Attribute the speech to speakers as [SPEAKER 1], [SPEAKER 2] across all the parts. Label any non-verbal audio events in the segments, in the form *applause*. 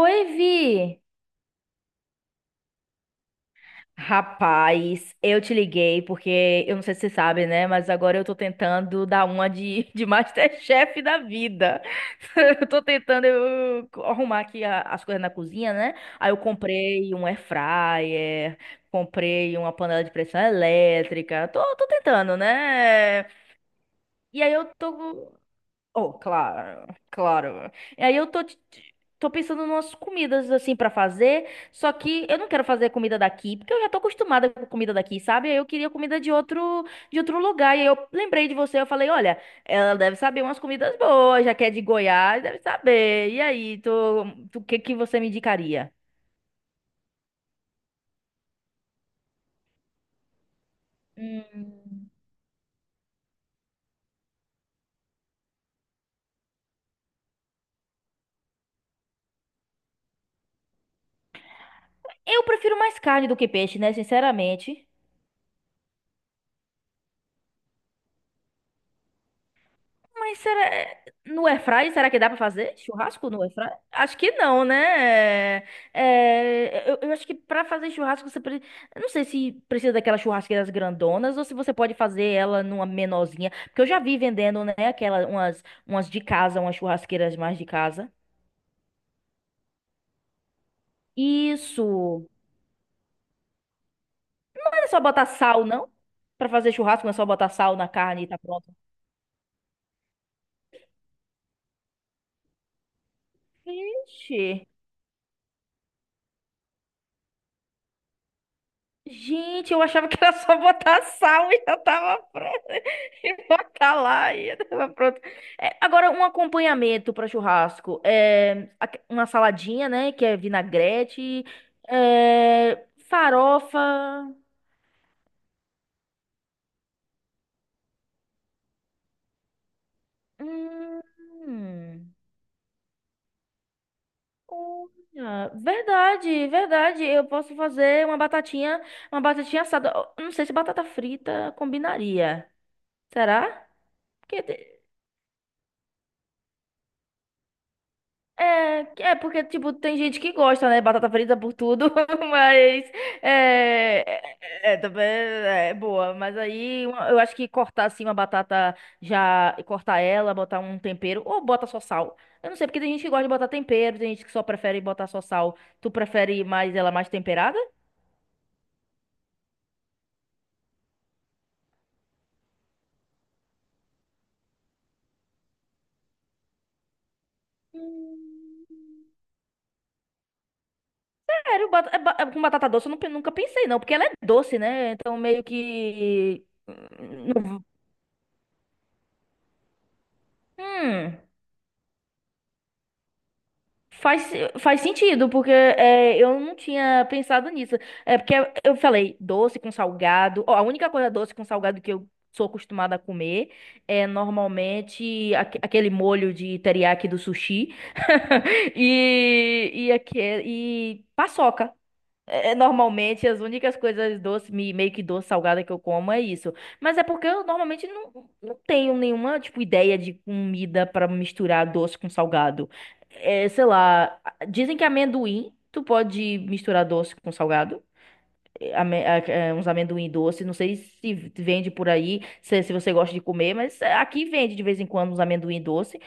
[SPEAKER 1] Oi, Vi! Rapaz, eu te liguei porque eu não sei se você sabe, né? Mas agora eu tô tentando dar uma *laughs* de Masterchef da vida. *laughs* Eu tô tentando arrumar aqui as coisas na cozinha, né? Aí eu comprei um air fryer, comprei uma panela de pressão elétrica. Tô tentando, né? E aí eu tô. Oh, claro, claro. E aí eu tô pensando em umas comidas assim pra fazer, só que eu não quero fazer comida daqui, porque eu já tô acostumada com comida daqui, sabe? Aí eu queria comida de outro lugar. E aí eu lembrei de você, eu falei, olha, ela deve saber umas comidas boas, já que é de Goiás, deve saber. E aí, o que que você me indicaria? Hum. Eu prefiro mais carne do que peixe, né? Sinceramente. Mas será... No airfry, será que dá pra fazer churrasco no airfry? Acho que não, né? Eu acho que pra fazer churrasco eu não sei se precisa daquelas churrasqueiras grandonas ou se você pode fazer ela numa menorzinha. Porque eu já vi vendendo, né? Aquelas, umas de casa, umas churrasqueiras mais de casa. Isso! Mas não é só botar sal, não? Pra fazer churrasco não é só botar sal na carne e tá pronto. Vixe! Gente, eu achava que era só botar sal e já tava pronto. *laughs* E botar lá e já tava pronto. É, agora, um acompanhamento para churrasco. Uma saladinha, né? Que é vinagrete. É, farofa. Hum, olha, verdade, verdade. Eu posso fazer uma batatinha assada. Eu não sei se batata frita combinaria. Será? É, é porque, tipo, tem gente que gosta, né? Batata frita por tudo, *laughs* mas é, é, também é boa. Mas eu acho que cortar assim uma batata já, cortar ela, botar um tempero, ou bota só sal. Eu não sei, porque tem gente que gosta de botar tempero, tem gente que só prefere botar só sal. Tu prefere mais ela mais temperada? Sério, com batata doce eu nunca pensei, não, porque ela é doce, né? Então meio que. Hum. Faz, faz sentido, porque é, eu não tinha pensado nisso. É porque eu falei doce com salgado. Ó, a única coisa doce com salgado que eu sou acostumada a comer é normalmente aquele molho de teriyaki do sushi *laughs* e paçoca. É, é, normalmente as únicas coisas doce, meio que doce, salgada que eu como é isso. Mas é porque eu normalmente não, não tenho nenhuma, tipo, ideia de comida pra misturar doce com salgado. É, sei lá, dizem que amendoim, tu pode misturar doce com salgado. Uns amendoim doce, não sei se vende por aí, se você gosta de comer, mas é, aqui vende de vez em quando uns amendoim doce.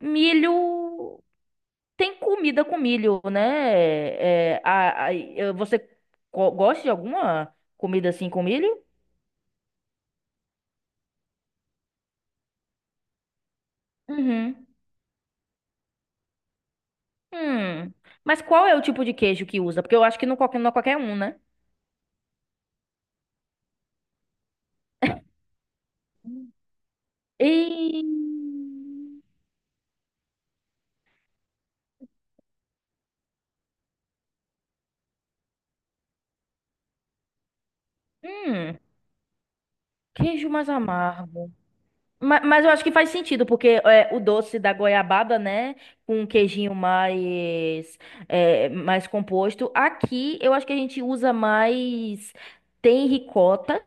[SPEAKER 1] Milho. Tem comida com milho, né? Você gosta de alguma comida assim com milho? Uhum. Hum. Mas qual é o tipo de queijo que usa? Porque eu acho que não, não é qualquer um, né? E... Hum. Queijo mais amargo. Mas, eu acho que faz sentido, porque é, o doce da goiabada, né? Com um queijinho mais, é, mais composto. Aqui eu acho que a gente usa mais. Tem ricota.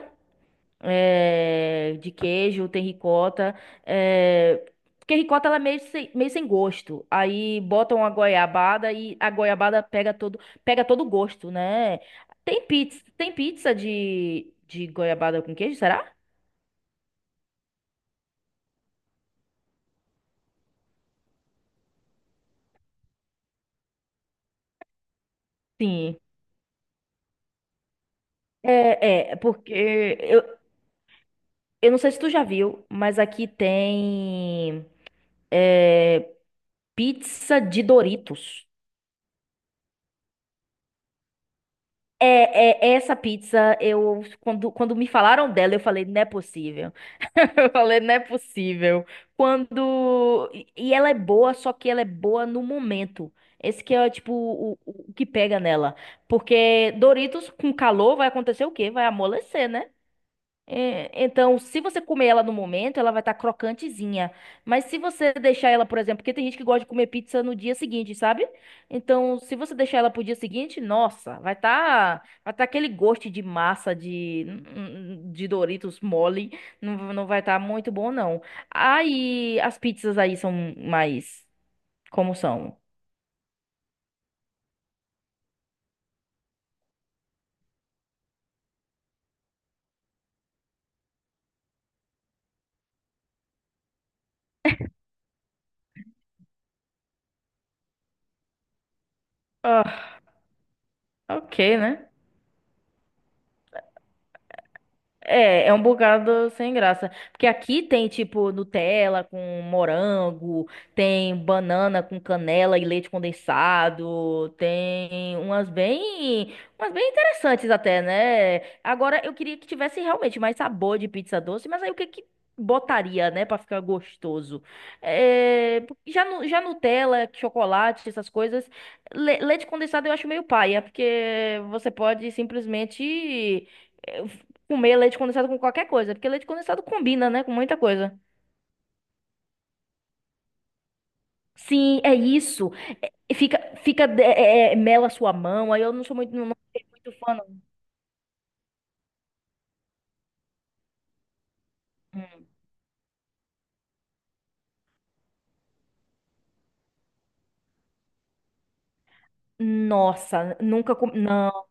[SPEAKER 1] Eh, de queijo, tem ricota. Eh, porque ricota ela é meio sem gosto. Aí botam a goiabada e a goiabada pega todo o gosto, né? Tem pizza de goiabada com queijo, será? Sim. É, é, porque eu, eu não sei se tu já viu, mas aqui tem pizza de Doritos. Essa pizza, eu quando, quando me falaram dela, eu falei, não é possível. *laughs* Eu falei, não é possível. Quando e Ela é boa, só que ela é boa no momento. Esse que é tipo o que pega nela, porque Doritos com calor vai acontecer o quê? Vai amolecer, né? É, então, se você comer ela no momento, ela vai estar crocantezinha. Mas se você deixar ela, por exemplo, porque tem gente que gosta de comer pizza no dia seguinte, sabe? Então, se você deixar ela pro dia seguinte, nossa, vai estar, vai tá aquele gosto de massa de Doritos mole, não, não vai estar muito bom, não. Aí, as pizzas aí são mais como são? Ah, ok, né? É, é um bocado sem graça. Porque aqui tem, tipo, Nutella com morango, tem banana com canela e leite condensado, tem umas bem interessantes até, né? Agora, eu queria que tivesse realmente mais sabor de pizza doce, mas aí o que que botaria, né, pra ficar gostoso? Já Nutella, chocolate, essas coisas, leite condensado eu acho meio paia, porque você pode simplesmente eh, comer leite condensado com qualquer coisa, porque leite condensado combina, né, com muita coisa. Sim, é isso. E fica, fica, mela a sua mão. Aí eu não sou muito, não, não sou muito fã, não. Hum. Nossa, nunca comi. Não.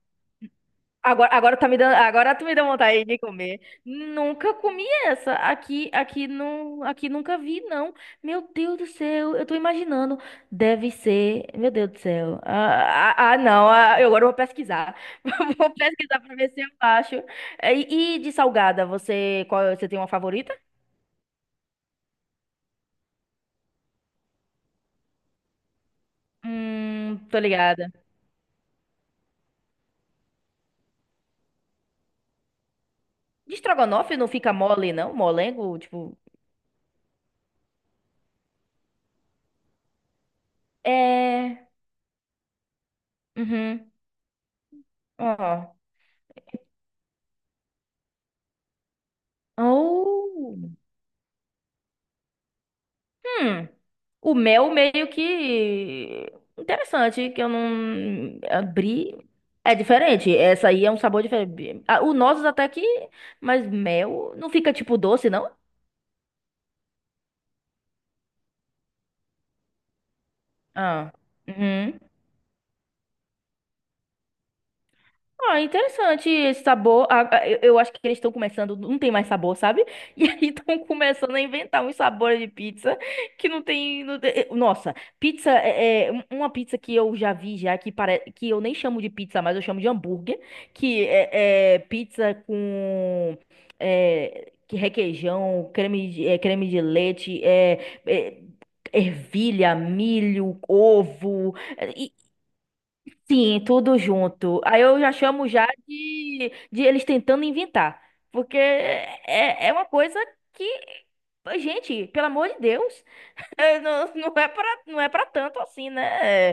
[SPEAKER 1] Agora, agora tá me dando, agora tu me deu vontade de comer. Nunca comi essa. Aqui, aqui não, aqui nunca vi não. Meu Deus do céu, eu tô imaginando. Deve ser, meu Deus do céu. Ah, ah, ah, não, ah, eu agora vou pesquisar. *laughs* Vou pesquisar pra ver se eu acho. E de salgada, você, qual, você tem uma favorita? Tô ligada. De estrogonofe não fica mole não, molengo, tipo, é, uhum. Ó. Oh. Hum, o mel meio que interessante, que eu não abri. É diferente, essa aí é um sabor diferente. Ah, o nozes até que, mas mel não fica tipo doce, não? Ah. Uhum. Ah, interessante esse sabor. Ah, ah, eu acho que eles estão começando, não tem mais sabor, sabe? *laughs* E aí estão começando a inventar uns sabores de pizza que não tem. Nossa, pizza é, é um- uma pizza que eu já vi já que parece que eu nem chamo de pizza, mas eu chamo de hambúrguer, que é pizza com é, que requeijão, creme de leite, é, é, ervilha, milho, ovo. É, sim, tudo junto. Aí eu já chamo já de eles tentando inventar. Porque é, é uma coisa que, gente, pelo amor de Deus, *laughs* é, não, não é pra, não é pra tanto assim, né?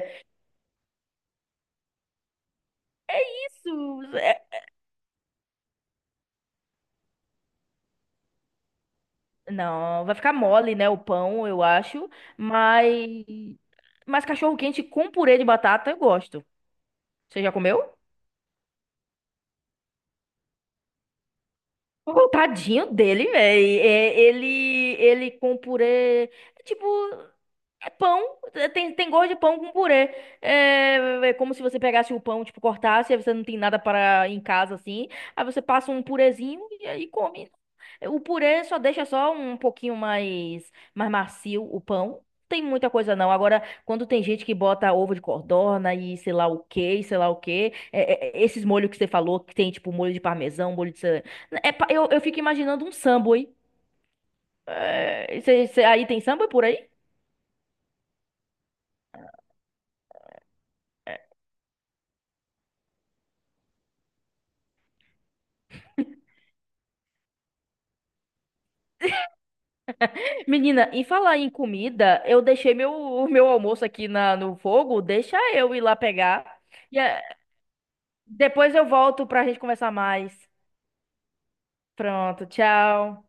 [SPEAKER 1] Isso. Não, vai ficar mole, né? O pão, eu acho. Mas, mas cachorro-quente com purê de batata eu gosto. Você já comeu? Oh, tadinho dele, velho. Ele com purê. É tipo. É pão, é, tem, tem gosto de pão com purê. É, é é como se você pegasse o pão, tipo, cortasse, aí você não tem nada para em casa assim. Aí você passa um purezinho e aí come. O purê só deixa só um pouquinho mais, mais macio o pão. Tem muita coisa não. Agora, quando tem gente que bota ovo de codorna e sei lá o quê, e sei lá o quê, é esses molhos que você falou, que tem tipo molho de parmesão, é, eu fico imaginando um samba, hein? Aí tem samba por aí? Menina, em falar em comida, eu deixei o meu almoço aqui no fogo. Deixa eu ir lá pegar. E eh, Depois eu volto pra gente conversar mais. Pronto, tchau.